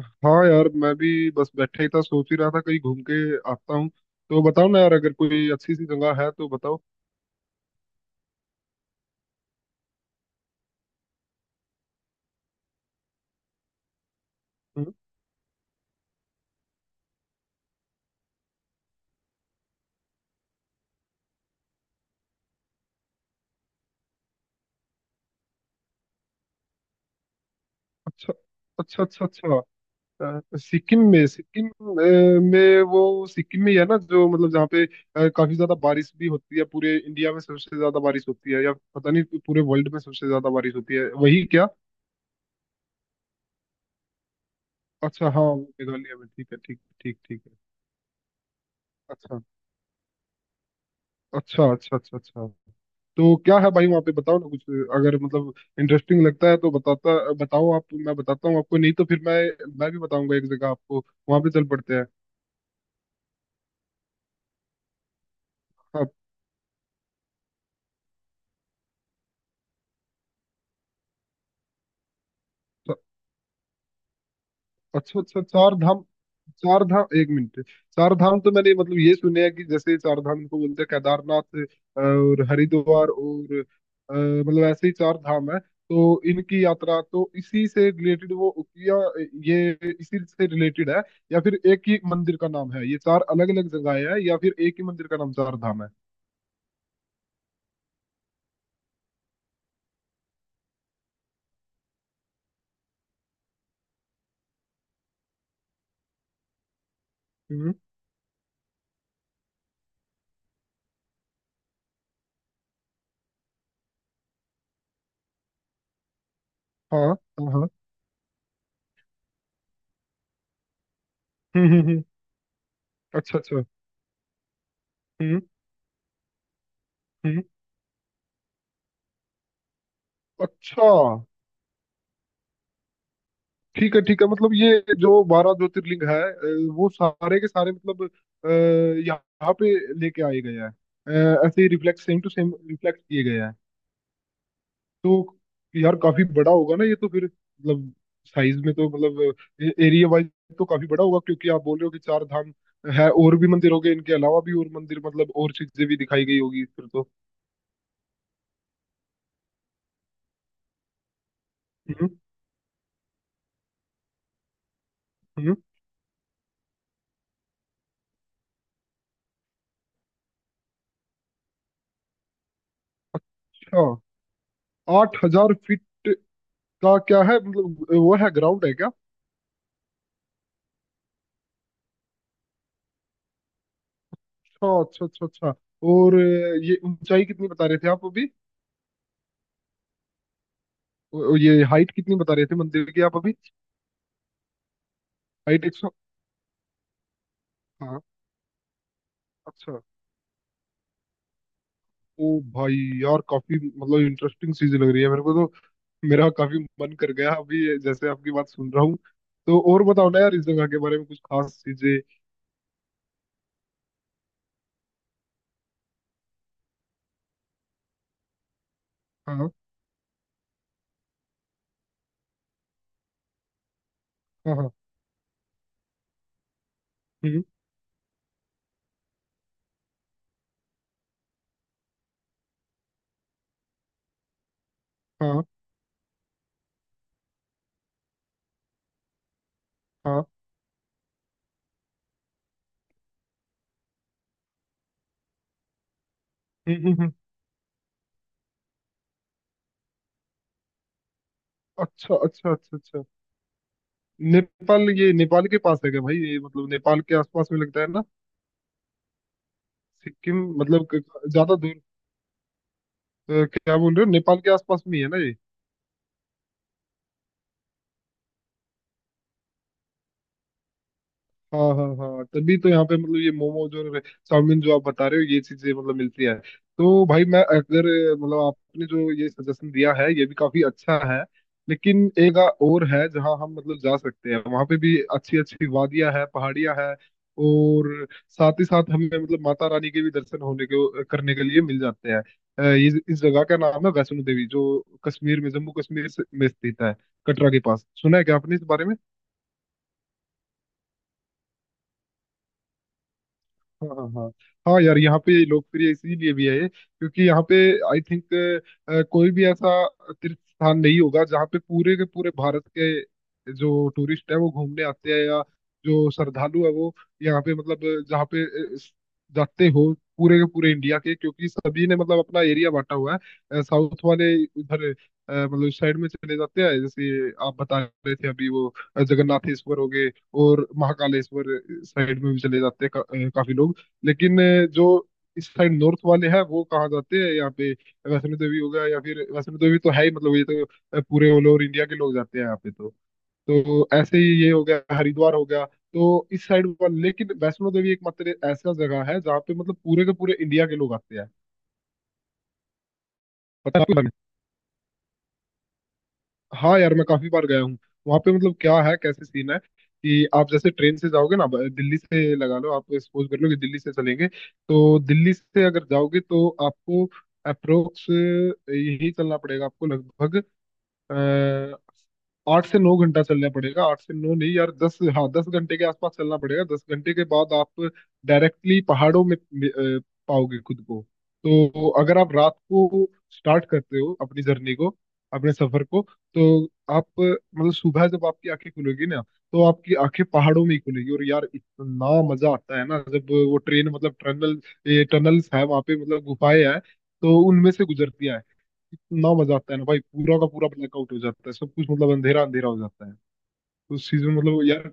हाँ यार, मैं भी बस बैठा ही था, सोच ही रहा था कहीं घूम के आता हूँ। तो बताओ ना यार, अगर कोई अच्छी सी जगह है तो बताओ। हम्म, अच्छा अच्छा अच्छा अच्छा। सिक्किम में वो सिक्किम में ही है ना, जो मतलब जहाँ पे काफी ज्यादा बारिश भी होती है, पूरे इंडिया में सबसे ज्यादा बारिश होती है, या पता नहीं पूरे वर्ल्ड में सबसे ज्यादा बारिश होती है, वही क्या? अच्छा, हाँ वो मेघालय में। ठीक है, ठीक ठीक ठीक है। अच्छा अच्छा अच्छा अच्छा अच्छा। तो क्या है भाई, वहाँ पे बताओ ना कुछ। अगर मतलब इंटरेस्टिंग लगता है तो बताता। बताओ आप, मैं बताता हूँ आपको, नहीं तो फिर मैं भी बताऊंगा एक जगह आपको। वहाँ पे चल पड़ते हैं। आप। अच्छा अच्छा, चार धाम। चार धाम, एक मिनट। चार धाम तो मैंने मतलब ये सुने हैं कि जैसे चार धाम को बोलते हैं केदारनाथ और हरिद्वार और मतलब ऐसे ही चार धाम है। तो इनकी यात्रा तो इसी से रिलेटेड वो, या ये इसी से रिलेटेड है, या फिर एक ही मंदिर का नाम है ये, चार अलग अलग जगह है, या फिर एक ही मंदिर का नाम चार धाम है। हम्म। हाँ हाँ हाँ, हम्म। अच्छा अच्छा। हम्म हम्म। अच्छा। ठीक है, ठीक है, मतलब ये जो 12 ज्योतिर्लिंग है वो सारे के सारे मतलब अ, यहाँ पे लेके आए गए हैं, ऐसे ही reflect, same to same reflect किए गए हैं। तो यार, काफी बड़ा होगा ना ये तो फिर मतलब, साइज में तो मतलब एरिया वाइज तो काफी बड़ा होगा, क्योंकि आप बोल रहे हो कि चार धाम है और भी मंदिर हो गए, इनके अलावा भी और मंदिर मतलब और चीजें भी दिखाई गई होगी फिर तो। हम्म। हम्म, अच्छा, 8,000 फीट का क्या है, मतलब वो है, ग्राउंड है क्या? अच्छा अच्छा अच्छा अच्छा। और ये ऊंचाई कितनी बता रहे थे आप अभी? ये हाइट कितनी बता रहे थे मंदिर की आप अभी? हाइट 100। हाँ। अच्छा। ओ भाई, यार काफी मतलब इंटरेस्टिंग चीज लग रही है मेरे को तो। मेरा काफी मन कर गया अभी ये, जैसे आपकी बात सुन रहा हूँ। तो और बताओ ना यार, इस जगह के बारे में कुछ खास चीजें। हाँ हाँ हाँ। हम्म। हाँ हाँ। हम्म हम्म हम्म। अच्छा अच्छा अच्छा अच्छा। नेपाल, ये नेपाल के पास है क्या भाई, ये मतलब नेपाल के आसपास में लगता है ना? सिक्किम मतलब ज्यादा दूर। तो क्या बोल रहे हो, नेपाल के आसपास में ही है ना ये? हाँ हाँ हाँ, तभी तो यहाँ पे मतलब ये मोमोज और चाउमीन जो आप बता रहे हो, ये चीजें मतलब मिलती है। तो भाई मैं अगर मतलब, आपने जो ये सजेशन दिया है ये भी काफी अच्छा है, लेकिन एक जगह और है जहाँ हम मतलब जा सकते हैं, वहाँ पे भी अच्छी अच्छी वादियाँ है, पहाड़ियाँ है, और साथ ही साथ हमें मतलब माता रानी के भी दर्शन होने के, करने के लिए मिल जाते हैं। ये, इस जगह का नाम है वैष्णो देवी, जो कश्मीर में, जम्मू कश्मीर में स्थित है, कटरा के पास। सुना है क्या आपने इस बारे में? हाँ हाँ हाँ। हाँ यार, यहाँ पे लोकप्रिय इसीलिए भी है, क्योंकि यहाँ पे, आई थिंक, कोई भी ऐसा तीर्थ स्थान नहीं होगा जहाँ पे पूरे के पूरे भारत के जो टूरिस्ट है वो घूमने आते हैं, या जो श्रद्धालु है वो यहाँ पे मतलब, जहाँ पे अ, स- जाते हो, पूरे के पूरे इंडिया के, क्योंकि सभी ने मतलब अपना एरिया बांटा हुआ है। साउथ वाले उधर मतलब साइड में चले जाते हैं, जैसे आप बता रहे थे अभी वो जगन्नाथेश्वर हो गए और महाकालेश्वर साइड में भी चले जाते हैं काफी लोग। लेकिन जो इस साइड नॉर्थ वाले हैं वो कहाँ जाते हैं यहाँ पे? वैष्णो देवी हो गया, या फिर वैष्णो देवी तो है ही, मतलब ये तो पूरे ऑल ओवर इंडिया के लोग जाते हैं यहाँ पे। तो ऐसे ही ये हो गया, हरिद्वार हो गया, तो इस साइड वाले, लेकिन वैष्णो देवी एकमात्र ऐसा जगह है जहाँ पे मतलब पूरे के पूरे इंडिया के लोग आते हैं। पता है आपको? हाँ यार, मैं काफी बार गया हूँ। वहाँ पे मतलब क्या है, कैसे सीन है कि, आप जैसे ट्रेन से जाओगे ना, दिल्ली से लगा लो, आप सपोज कर लो कि दिल्ली से चलेंगे, तो दिल्ली से अगर जाओगे तो आपको अप्रोक्स यही चलना पड़ेगा, आपको लगभग अ, 8 से 9 घंटा चलना पड़ेगा। 8 से 9 नहीं यार, 10, हाँ, 10 घंटे के आसपास चलना पड़ेगा। 10 घंटे के बाद आप डायरेक्टली पहाड़ों में पाओगे खुद को। तो अगर आप रात को स्टार्ट करते हो अपनी जर्नी को, अपने सफर को, तो आप मतलब सुबह जब आपकी आंखें खुलेगी ना, तो आपकी आंखें पहाड़ों में ही खुलेगी, और यार इतना मजा आता है ना, जब वो ट्रेन मतलब टनल, ये टनल्स है वहां पे मतलब गुफाएं हैं, तो उनमें से गुजरती है। इतना मजा आता है ना भाई, पूरा का पूरा ब्लैकआउट हो जाता है, सब कुछ मतलब अंधेरा अंधेरा हो जाता है उस चीज में, मतलब यार।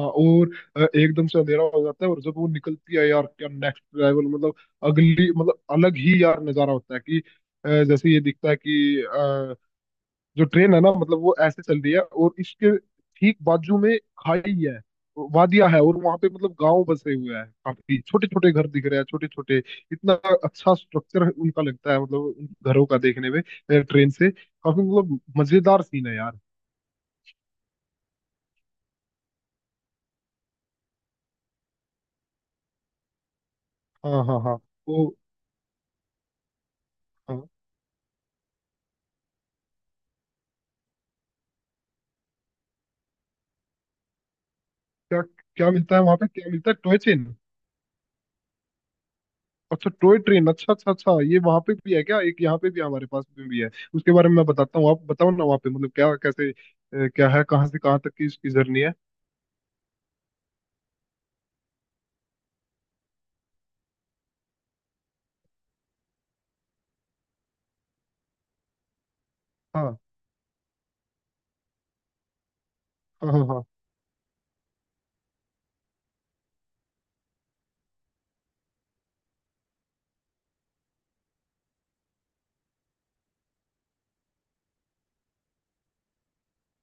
हाँ। और एकदम से अंधेरा हो जाता है, और जब वो निकलती है यार, क्या नेक्स्ट लेवल, मतलब अगली मतलब अलग ही यार नजारा होता है कि जैसे ये दिखता है कि जो ट्रेन है ना, मतलब वो ऐसे चल रही है, और इसके ठीक बाजू में खाई है, वादिया है, और वहां पे मतलब गांव बसे हुए हैं, काफी छोटे छोटे घर दिख रहे हैं, छोटे छोटे, इतना अच्छा स्ट्रक्चर उनका लगता है, मतलब उन घरों का देखने में, ट्रेन से काफी मतलब मजेदार सीन है यार। हाँ हाँ हाँ। वो। हाँ। क्या क्या मिलता है वहां पे, क्या मिलता है? Toy train? अच्छा, टॉय ट्रेन, अच्छा अच्छा अच्छा। ये वहां पे भी है क्या? एक यहाँ पे भी है, हमारे पास में भी है। उसके बारे में मैं बताता हूँ। आप बताओ ना, वहाँ पे मतलब क्या, कैसे क्या है, कहाँ से कहाँ तक की इसकी जर्नी है? हाँ हाँ हाँ हाँ,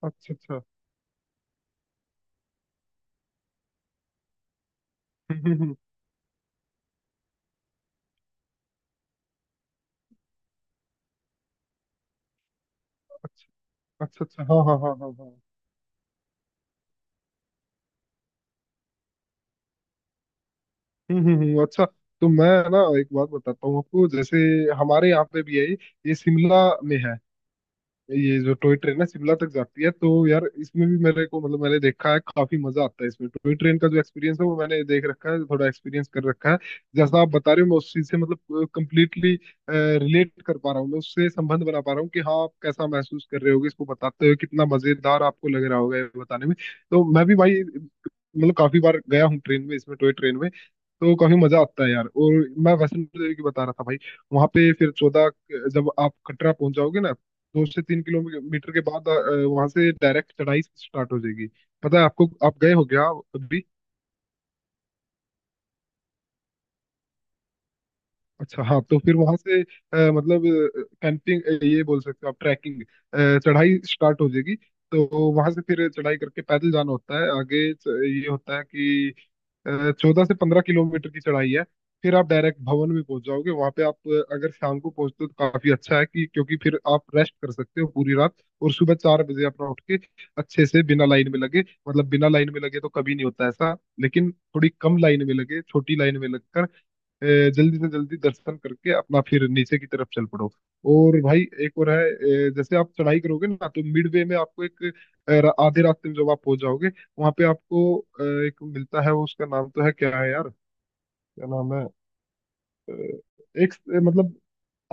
अच्छा अच्छा। हम्म हम्म हम्म, अच्छा अच्छा अच्छा। हाँ हाँ हाँ हाँ हाँ। अच्छा। तो मैं ना एक बात बताता हूँ आपको, जैसे हमारे यहाँ पे भी है ये शिमला में है। ये जो टॉय ट्रेन है शिमला तक जाती है, तो यार इसमें भी मेरे को मतलब मैंने देखा है, काफी मजा आता है इसमें, टॉय ट्रेन का जो एक्सपीरियंस है वो मैंने देख रखा है, थोड़ा एक्सपीरियंस कर रखा है। जैसा आप बता रहे हो मैं उस चीज से मतलब कंप्लीटली रिलेट कर पा रहा हूँ, मैं उससे संबंध बना पा रहा हूँ कि, हाँ आप कैसा महसूस कर रहे होगे इसको बताते हुए, कितना मजेदार आपको लग रहा होगा ये बताने में। तो मैं भी भाई मतलब काफी बार गया हूँ ट्रेन में, इसमें टॉय ट्रेन में, तो काफी मजा आता है यार। और मैं वैष्णो देवी की बता रहा था भाई। वहां पे फिर 14, जब आप कटरा पहुंच जाओगे ना, 2 से 3 किलोमीटर के बाद वहां से डायरेक्ट चढ़ाई स्टार्ट हो जाएगी। पता है आपको, आप गए हो क्या अभी? अच्छा, हाँ। तो फिर वहां से मतलब कैंपिंग, ये बोल सकते हो आप, ट्रैकिंग, चढ़ाई स्टार्ट हो जाएगी। तो वहां से फिर चढ़ाई करके पैदल जाना होता है आगे, ये होता है कि 14 से 15 किलोमीटर की चढ़ाई है। फिर आप डायरेक्ट भवन में पहुंच जाओगे। वहां पे आप अगर शाम को पहुंचते हो तो काफी अच्छा है कि, क्योंकि फिर आप रेस्ट कर सकते हो पूरी रात, और सुबह 4 बजे अपना उठ के, अच्छे से, बिना लाइन में लगे, मतलब बिना लाइन में लगे तो कभी नहीं होता ऐसा, लेकिन थोड़ी कम लाइन में लगे, छोटी लाइन में लगकर अ, जल्दी से जल्दी दर्शन करके अपना फिर नीचे की तरफ चल पड़ो। और भाई एक और है, जैसे आप चढ़ाई करोगे ना, तो मिड वे में आपको एक आधे रास्ते में जब आप पहुंच जाओगे, वहां पे आपको एक मिलता है वो, उसका नाम तो है, क्या है यार, क्या नाम है एक मतलब,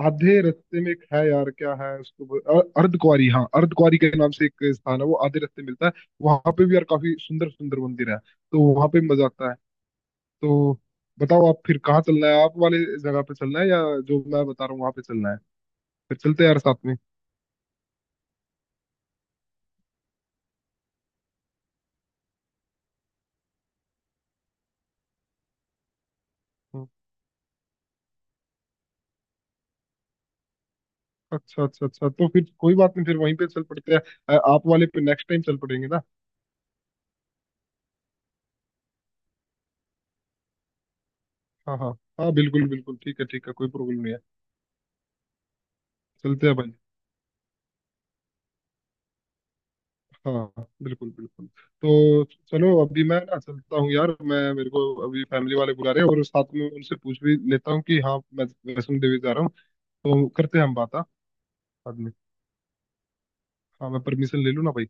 आधे रास्ते में एक है यार, क्या है उसको अर्धकुंवारी, हाँ अर्धकुंवारी के नाम से एक स्थान है वो, आधे रास्ते मिलता है। वहां पे भी यार काफी सुंदर सुंदर मंदिर है, तो वहां पे भी मजा आता है। तो बताओ आप, फिर कहाँ चलना है, आप वाले जगह पे चलना है, या जो मैं बता रहा हूँ वहां पे चलना है? फिर चलते हैं यार साथ में। हम्म, अच्छा अच्छा अच्छा। तो फिर कोई बात नहीं, फिर वहीं पे चल पड़ते हैं। आप वाले पे नेक्स्ट टाइम चल पड़ेंगे ना। हाँ हाँ हाँ, बिल्कुल बिल्कुल, ठीक है ठीक है, कोई प्रॉब्लम नहीं है। चलते हैं भाई। हाँ हाँ, बिल्कुल बिल्कुल तो। चलो, अभी मैं ना चलता हूँ यार, मैं मेरे को अभी फैमिली वाले बुला रहे हैं, और साथ में उनसे पूछ भी लेता हूँ कि हाँ, मैं वैष्णो देवी जा रहा हूँ। तो करते हैं हम बात हाँ, बाद में। हाँ, मैं परमिशन ले लूँ ना भाई।